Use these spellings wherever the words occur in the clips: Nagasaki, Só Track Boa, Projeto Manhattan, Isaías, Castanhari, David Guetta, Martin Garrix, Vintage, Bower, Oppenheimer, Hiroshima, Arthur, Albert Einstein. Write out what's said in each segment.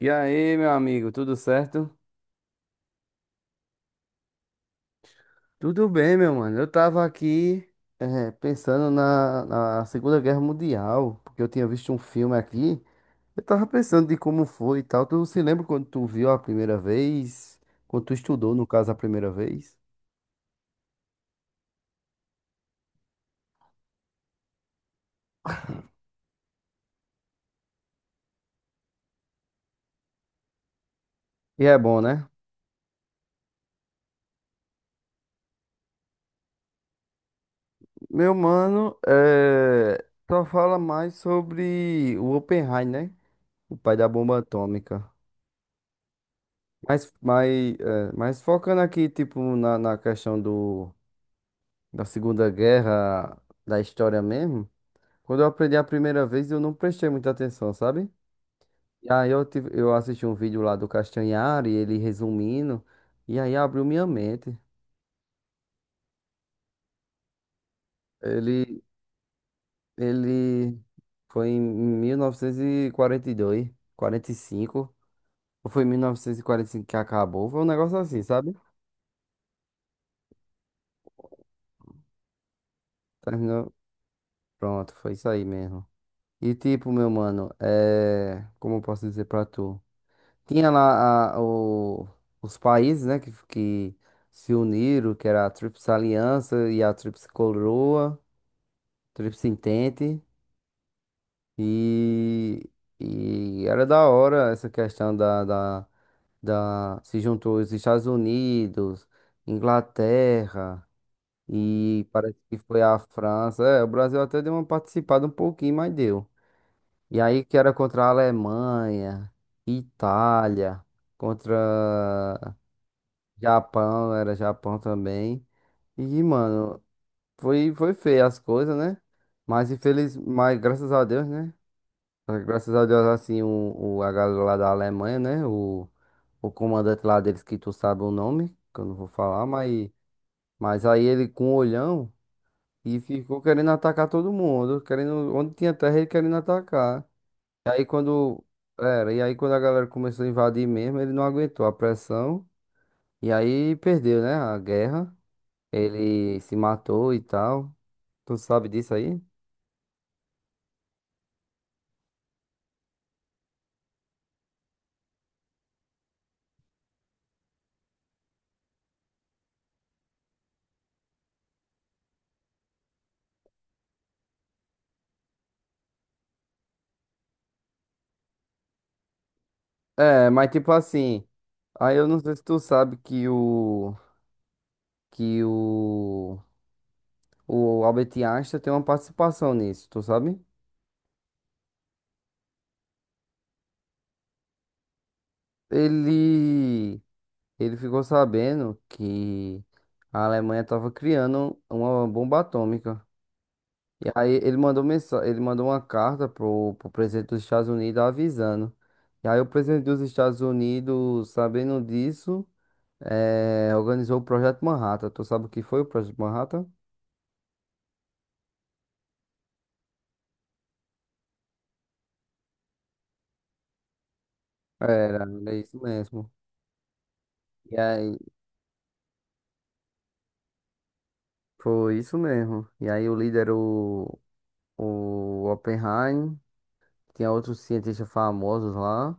E aí, meu amigo, tudo certo? Tudo bem, meu mano. Eu tava aqui pensando na Segunda Guerra Mundial, porque eu tinha visto um filme aqui. Eu tava pensando de como foi e tal. Tu se lembra quando tu viu a primeira vez? Quando tu estudou, no caso, a primeira vez? E é bom, né? Meu mano, só fala mais sobre o Oppenheimer, né? O pai da bomba atômica. Mas, mas, mas focando aqui, tipo, na questão do. Da Segunda Guerra, da história mesmo, quando eu aprendi a primeira vez, eu não prestei muita atenção, sabe? E aí eu assisti um vídeo lá do Castanhari, ele resumindo, e aí abriu minha mente. Ele, ele foi em 1942, 45, ou foi em 1945 que acabou, foi um negócio assim, sabe? Terminou, pronto, foi isso aí mesmo. E tipo, meu mano, é, como eu posso dizer pra tu? Tinha os países, né, que se uniram, que era a Tríplice Aliança e a Tríplice Coroa, Tríplice Entente, e, e era da hora essa questão da Se juntou os Estados Unidos, Inglaterra, e parece que foi a França. É, o Brasil até deu uma participada um pouquinho, mas deu. E aí que era contra a Alemanha, Itália, contra. Japão, era Japão também. E, mano, foi feia as coisas, né? Mas infeliz, mas graças a Deus, né? Graças a Deus, assim, a galera lá da Alemanha, né? O comandante lá deles, que tu sabe o nome, que eu não vou falar, mas aí ele com o olhão e ficou querendo atacar todo mundo, querendo, onde tinha terra ele querendo atacar. E aí e aí quando a galera começou a invadir mesmo, ele não aguentou a pressão e aí perdeu, né, a guerra. Ele se matou e tal. Tu sabe disso aí? É, mas tipo assim, aí eu não sei se tu sabe que o Albert Einstein tem uma participação nisso, tu sabe? Ele ele ficou sabendo que a Alemanha estava criando uma bomba atômica. E aí ele ele mandou uma carta pro presidente dos Estados Unidos avisando. E aí o presidente dos Estados Unidos, sabendo disso, organizou o Projeto Manhattan. Tu sabe o que foi o Projeto Manhattan? Era, é isso mesmo. E aí, foi isso mesmo. E aí o líder, o Oppenheim, tinha outros cientistas famosos lá.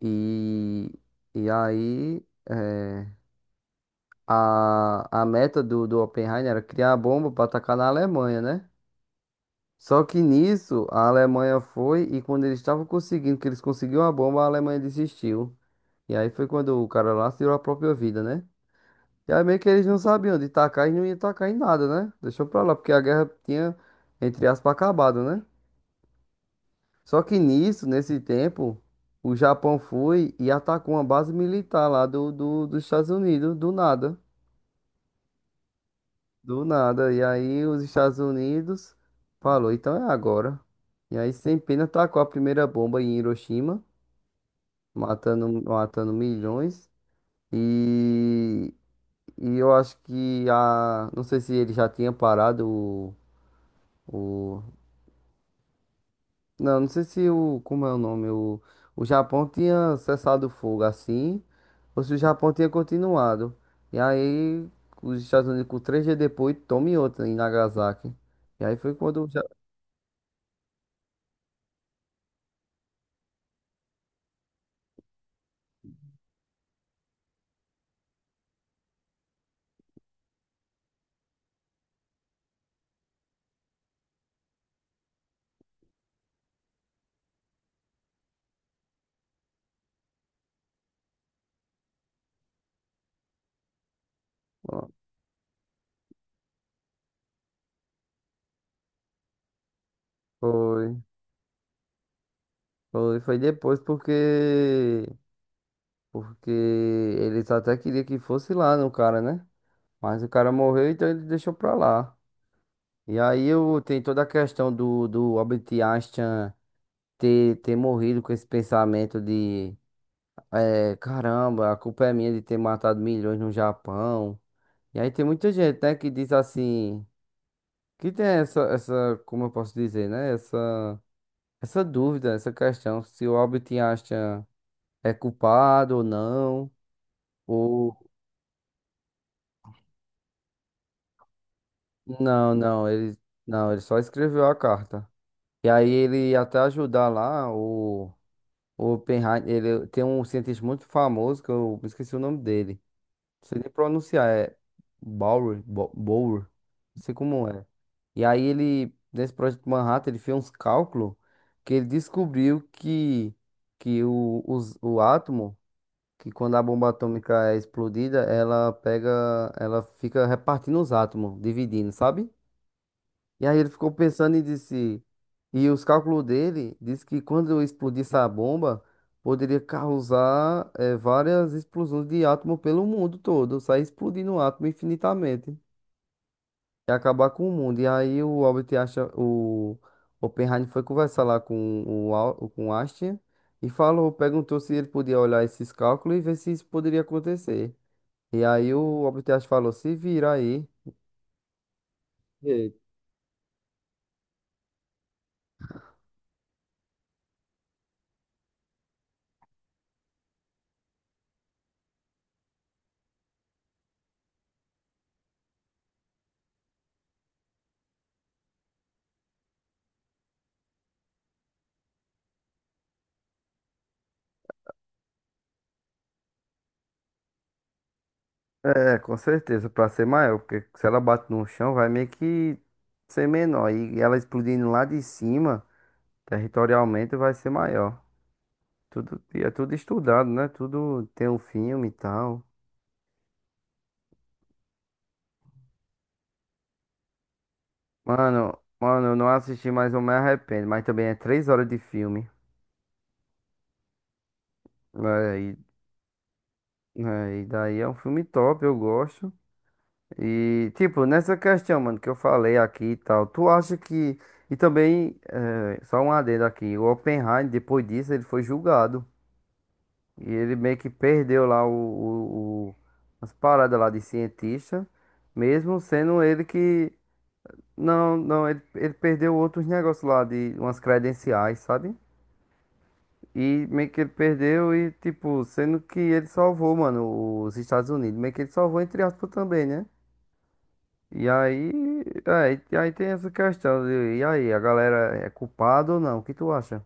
E, e aí, é, a meta do Oppenheim era criar a bomba para atacar na Alemanha, né? Só que nisso, a Alemanha foi e quando eles estavam conseguindo, que eles conseguiram a bomba, a Alemanha desistiu. E aí foi quando o cara lá tirou a própria vida, né? E aí meio que eles não sabiam de tacar e não ia tacar em nada, né? Deixou pra lá, porque a guerra tinha, entre aspas, acabado, né? Só que nisso, nesse tempo, o Japão foi e atacou uma base militar lá dos Estados Unidos, do nada. Do nada. E aí os Estados Unidos falou, então é agora. E aí sem pena tacou a primeira bomba em Hiroshima, matando, matando milhões. E, e eu acho que a. Não sei se ele já tinha parado o. O Não, não sei se como é o nome, o Japão tinha cessado o fogo assim, ou se o Japão tinha continuado. E aí, os Estados Unidos, com 3 dias depois, tome outra em Nagasaki. E aí foi quando o Japão. Foi, foi depois porque, porque eles até queriam que fosse lá no cara, né? Mas o cara morreu, então ele deixou pra lá. E aí eu, tem toda a questão do, do Albert Einstein ter morrido com esse pensamento de É, caramba, a culpa é minha de ter matado milhões no Japão. E aí tem muita gente, né, que diz assim, que tem como eu posso dizer, né, essa dúvida, essa questão, se o Albert Einstein é culpado ou não, ou. Não, não, ele, não, ele só escreveu a carta. E aí ele ia até ajudar lá, o Oppenheimer, ele tem um cientista muito famoso, que eu esqueci o nome dele. Não sei nem pronunciar, é Bower, não sei como é. E aí ele, nesse projeto Manhattan, ele fez uns cálculos que ele descobriu que o átomo, que quando a bomba atômica é explodida, ela pega, ela fica repartindo os átomos, dividindo, sabe? E aí ele ficou pensando e disse, e os cálculos dele diz que quando eu explodisse a bomba, poderia causar várias explosões de átomo pelo mundo todo, sair explodindo o átomo infinitamente e acabar com o mundo. E aí o Albert Einstein, o Oppenheimer foi conversar lá com com o Einstein e falou, perguntou se ele podia olhar esses cálculos e ver se isso poderia acontecer. E aí o Albert Einstein falou, se vira aí. É, com certeza, pra ser maior, porque se ela bate no chão, vai meio que ser menor. E ela explodindo lá de cima, territorialmente, vai ser maior. Tudo, e é tudo estudado, né? Tudo tem um filme e tal. Mano, eu não assisti, mas eu me arrependo. Mas também é 3 horas de filme. É, e, é, e daí é um filme top, eu gosto. E, tipo, nessa questão, mano, que eu falei aqui e tal, tu acha que. E também, é, só um adendo aqui, o Oppenheimer, depois disso, ele foi julgado. E ele meio que perdeu lá as paradas lá de cientista, mesmo sendo ele que. Não, não, ele perdeu outros negócios lá de umas credenciais, sabe? E meio que ele perdeu e, tipo, sendo que ele salvou, mano, os Estados Unidos. Meio que ele salvou, entre aspas, também, né? E aí, e aí tem essa questão de, e aí, a galera é culpada ou não? O que tu acha?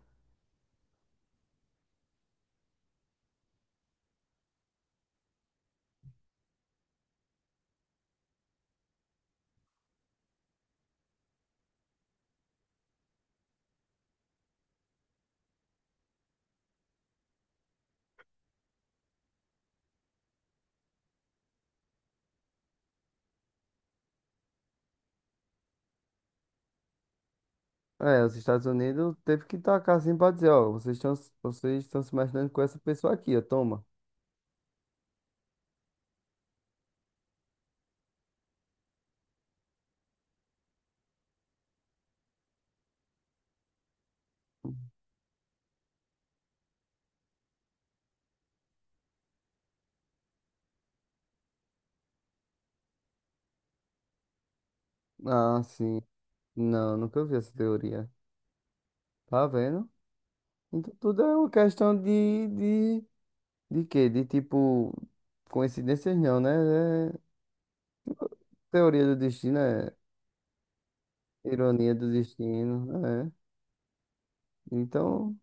É, os Estados Unidos teve que tacar assim pra dizer, ó, vocês estão se imaginando com essa pessoa aqui, ó, toma. Ah, sim. Não, nunca vi essa teoria. Tá vendo? Então tudo é uma questão de quê? De tipo, coincidências não, né? É teoria do destino, é ironia do destino, é. Então,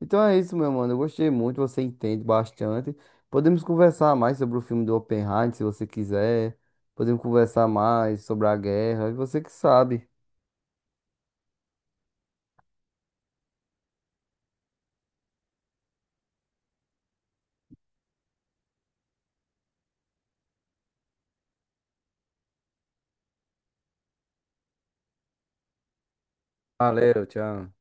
Então é isso, meu mano. Eu gostei muito, você entende bastante. Podemos conversar mais sobre o filme do Oppenheimer, se você quiser. Podemos conversar mais sobre a guerra, você que sabe. Valeu, tchau.